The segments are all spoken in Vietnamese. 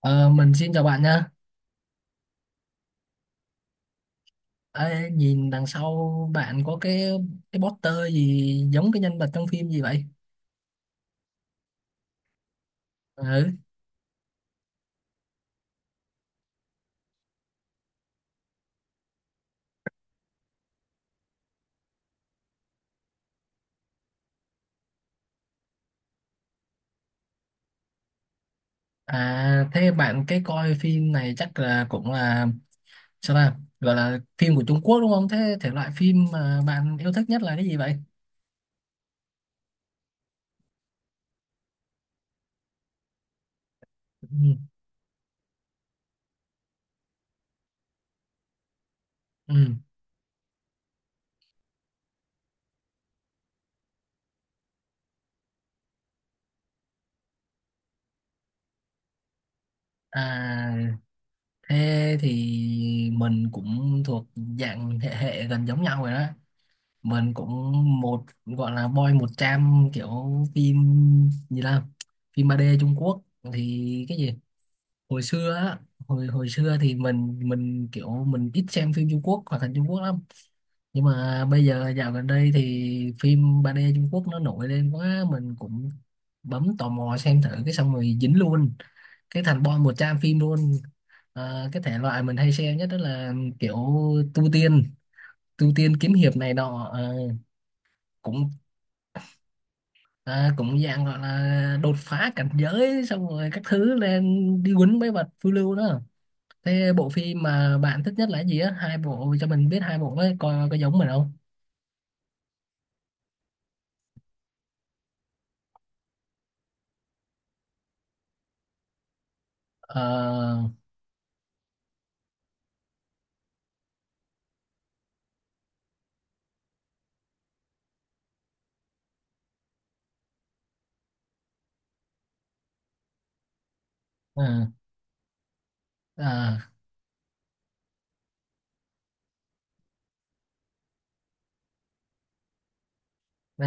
Ờ, mình xin chào bạn nha. Ê, nhìn đằng sau bạn có cái poster gì giống cái nhân vật trong phim gì vậy? Ừ. À thế bạn cái coi phim này chắc là cũng là sao ta? Gọi là phim của Trung Quốc đúng không? Thế thể loại phim mà bạn yêu thích nhất là cái gì vậy? Ừ. Ừ. À thế thì mình cũng thuộc dạng hệ hệ gần giống nhau rồi đó. Mình cũng một gọi là boy 100 kiểu phim, gì là phim 3D Trung Quốc thì cái gì hồi xưa á, hồi hồi xưa thì mình kiểu mình ít xem phim Trung Quốc, hoạt hình Trung Quốc lắm, nhưng mà bây giờ dạo gần đây thì phim 3D Trung Quốc nó nổi lên quá, mình cũng bấm tò mò xem thử, cái xong rồi dính luôn, cái thành boy 100 phim luôn. Ờ, cái thể loại mình hay xem nhất đó là kiểu tu tiên tu tiên kiếm hiệp này nọ. Ờ, cũng cũng dạng gọi là đột phá cảnh giới xong rồi các thứ, lên đi quýnh mấy vật, phiêu lưu đó. Thế bộ phim mà bạn thích nhất là cái gì á, hai bộ cho mình biết, hai bộ đấy coi có giống mình không? Ờ, ờ, ờ, ờ.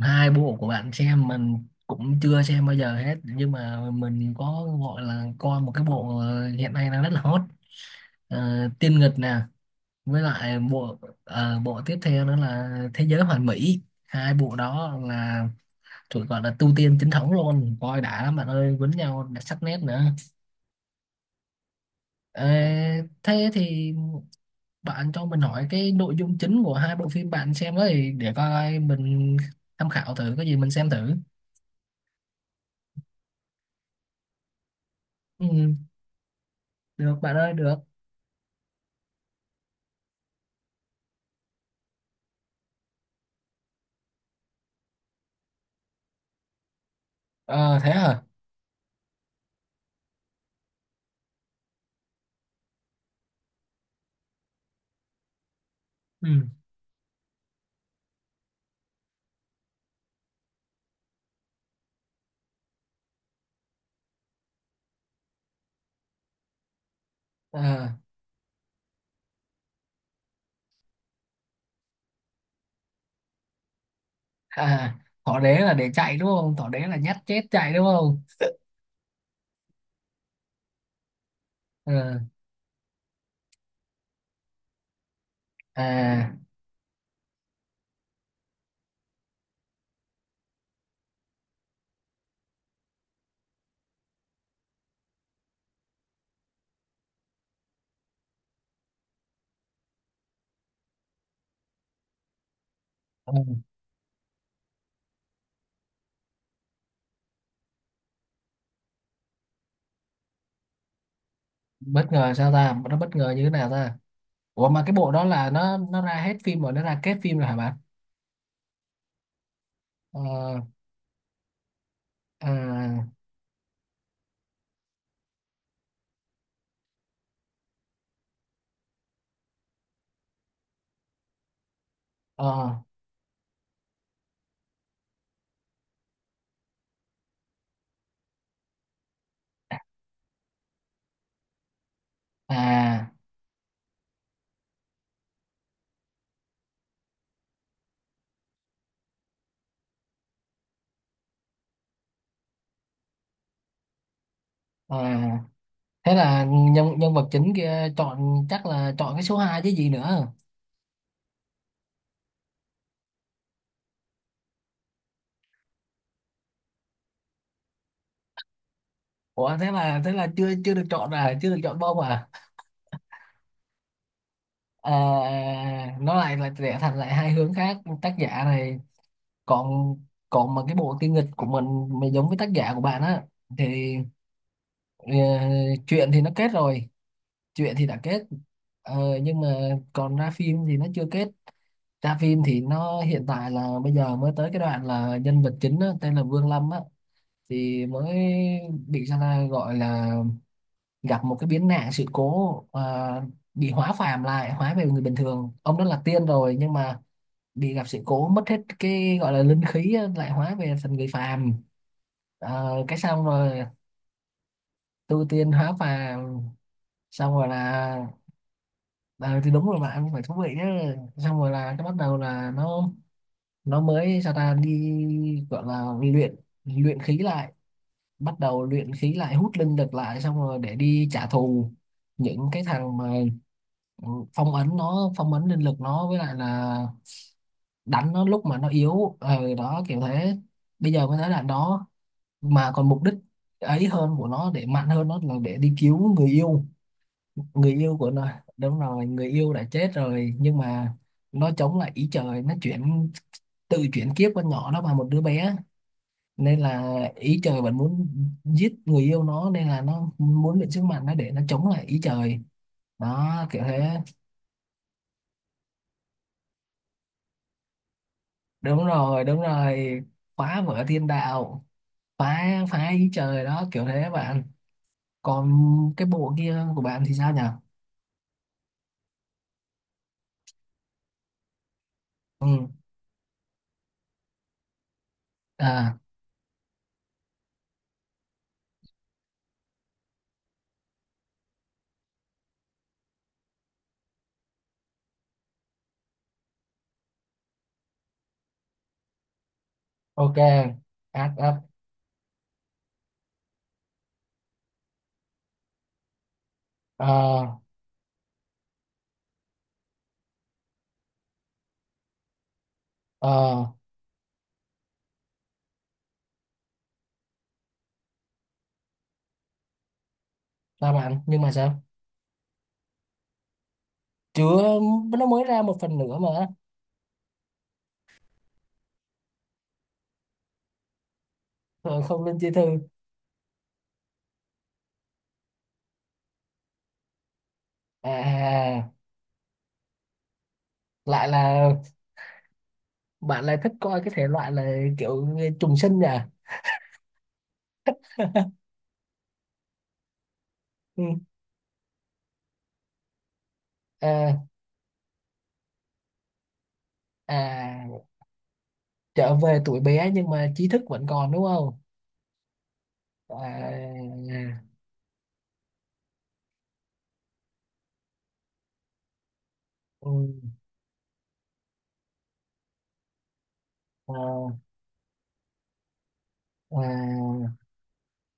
Hai bộ của bạn xem mình cũng chưa xem bao giờ hết, nhưng mà mình có gọi là coi một cái bộ hiện nay đang rất là hot. Ờ, Tiên Nghịch nè, với lại bộ tiếp theo nữa là Thế Giới Hoàn Mỹ. Hai bộ đó là tụi gọi là tu tiên chính thống luôn. Coi đã lắm bạn ơi, quýnh nhau đã, sắc nét nữa. Ờ, thế thì bạn cho mình hỏi cái nội dung chính của hai bộ phim bạn xem đó, thì để coi mình tham khảo thử, cái gì mình xem thử. Ừ. Được bạn ơi, được. Ờ thế hả. Ừ. Ờ, à, Thỏ đế là để chạy đúng không? Thỏ đế là nhát chết chạy đúng không? Ờ, à, ừ. Bất ngờ sao ta? Nó bất ngờ như thế nào ta? Ủa mà cái bộ đó là nó ra hết phim rồi? Nó ra kết phim rồi hả bạn? Ờ, à, ờ, à. À thế là nhân nhân vật chính kia chọn chắc là chọn cái số 2 chứ gì nữa. Ủa, thế là chưa chưa được chọn à, chưa được chọn bông à? À, nó lại lại rẽ thành lại hai hướng khác, tác giả này. Còn còn mà cái bộ tiêu nghịch của mình mà giống với tác giả của bạn á, thì ờ, chuyện thì nó kết rồi, chuyện thì đã kết. Nhưng mà còn ra phim thì nó chưa kết. Ra phim thì nó hiện tại là bây giờ mới tới cái đoạn là nhân vật chính á, tên là Vương Lâm á, thì mới bị sao ta, gọi là gặp một cái biến nạn sự cố, bị hóa phàm lại, hóa về người bình thường. Ông đó là tiên rồi nhưng mà bị gặp sự cố mất hết cái gọi là linh khí á, lại hóa về thành người phàm. Ờ, cái xong rồi, tu tiên hóa phàm, xong rồi là. Ờ, thì đúng rồi bạn, phải thú vị chứ. Xong rồi là cái bắt đầu là nó mới sao ta, đi gọi là luyện luyện khí lại, bắt đầu luyện khí lại, hút linh lực lại, xong rồi để đi trả thù những cái thằng mà, ừ, phong ấn linh lực nó, với lại là đánh nó lúc mà nó yếu ờ, đó kiểu thế. Bây giờ mới tới đoạn đó. Mà còn mục đích ấy hơn của nó để mạnh hơn, nó là để đi cứu người yêu, người yêu của nó. Đúng rồi, người yêu đã chết rồi nhưng mà nó chống lại ý trời. Nó tự chuyển kiếp con nhỏ nó vào một đứa bé, nên là ý trời vẫn muốn giết người yêu nó, nên là nó muốn mượn sức mạnh nó để nó chống lại ý trời, đó kiểu thế. Đúng rồi, đúng rồi. Phá vỡ thiên đạo, phá phá ý trời, đó kiểu thế bạn. Còn cái bộ kia của bạn thì sao nhỉ? Ừ. À. Ok. Ác ác. Ờ, ờ. Sao bạn, nhưng mà sao? Chưa, nó mới ra một phần nữa mà. Ờ, không linh chi thư. À, lại là bạn lại thích coi cái thể loại là kiểu trùng sinh à? Ừ. À, à, trở về tuổi bé nhưng mà trí thức vẫn còn đúng không? À, ừ, à, à,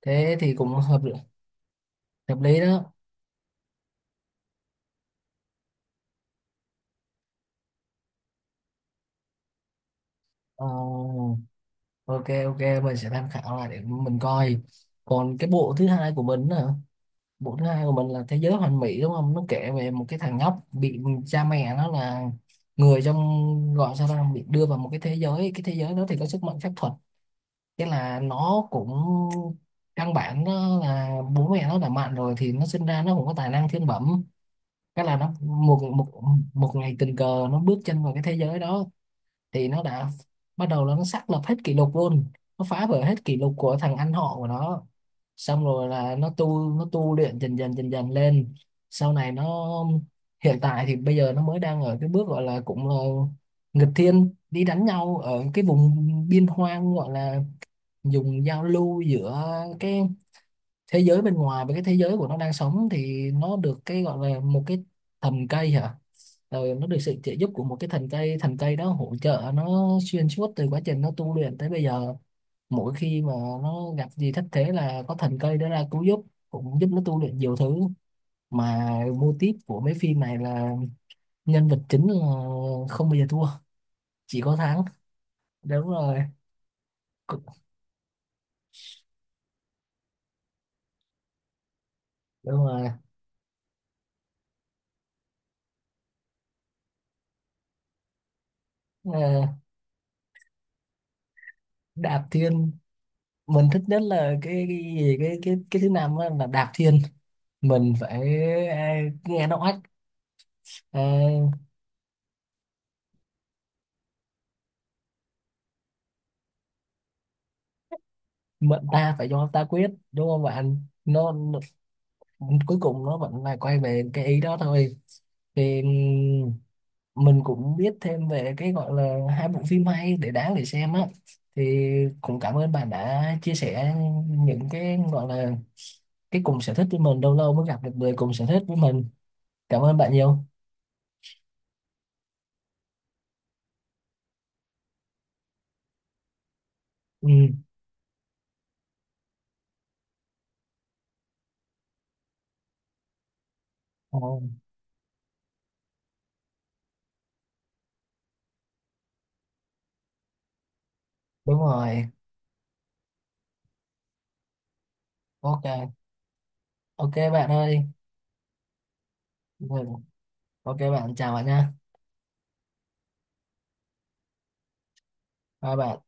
thế thì cũng hợp lý đó. Ờ, ok, ok, mình sẽ tham khảo lại để mình coi. Còn cái bộ thứ hai của mình á, bộ thứ hai của mình là Thế Giới Hoàn Mỹ đúng không. Nó kể về một cái thằng nhóc bị cha mẹ nó là người trong, gọi sao ra, bị đưa vào một cái thế giới, cái thế giới đó thì có sức mạnh phép thuật. Thế là nó cũng, căn bản nó là bố mẹ nó đã mạnh rồi thì nó sinh ra nó cũng có tài năng thiên bẩm. Cái là nó một một một ngày tình cờ nó bước chân vào cái thế giới đó, thì nó đã bắt đầu là nó xác lập hết kỷ lục luôn, nó phá vỡ hết kỷ lục của thằng anh họ của nó. Xong rồi là nó tu luyện dần dần dần dần lên, sau này nó, hiện tại thì bây giờ nó mới đang ở cái bước gọi là cũng là nghịch thiên đi đánh nhau ở cái vùng biên hoang, gọi là dùng giao lưu giữa cái thế giới bên ngoài với cái thế giới của nó đang sống, thì nó được cái gọi là một cái thần cây hả, rồi nó được sự trợ giúp của một cái thần cây, thần cây đó hỗ trợ nó xuyên suốt từ quá trình nó tu luyện tới bây giờ. Mỗi khi mà nó gặp gì thất thế là có thần cây đó ra cứu giúp, cũng giúp nó tu luyện nhiều thứ. Mà mô típ của mấy phim này là nhân vật chính là không bao giờ thua, chỉ có thắng. Đúng rồi. Cũng- Đúng rồi. Ờ, đạp thiên, mình thích nhất là cái gì- cái thứ năm á, là đạp thiên. Mình phải, à, nghe nó oách. À, mệnh ta phải do ta quyết đúng không bạn? Nó cuối cùng nó vẫn là quay về cái ý đó thôi, thì mình cũng biết thêm về cái gọi là hai bộ phim hay, để đáng để xem á, thì cũng cảm ơn bạn đã chia sẻ những cái gọi là cái cùng sở thích với mình, lâu lâu mới gặp được người cùng sở thích với mình, cảm ơn bạn nhiều. Ừ. Ờ, đúng rồi. Ok, ok bạn ơi. Ừ, ok bạn, chào bạn nha. Hai bạn.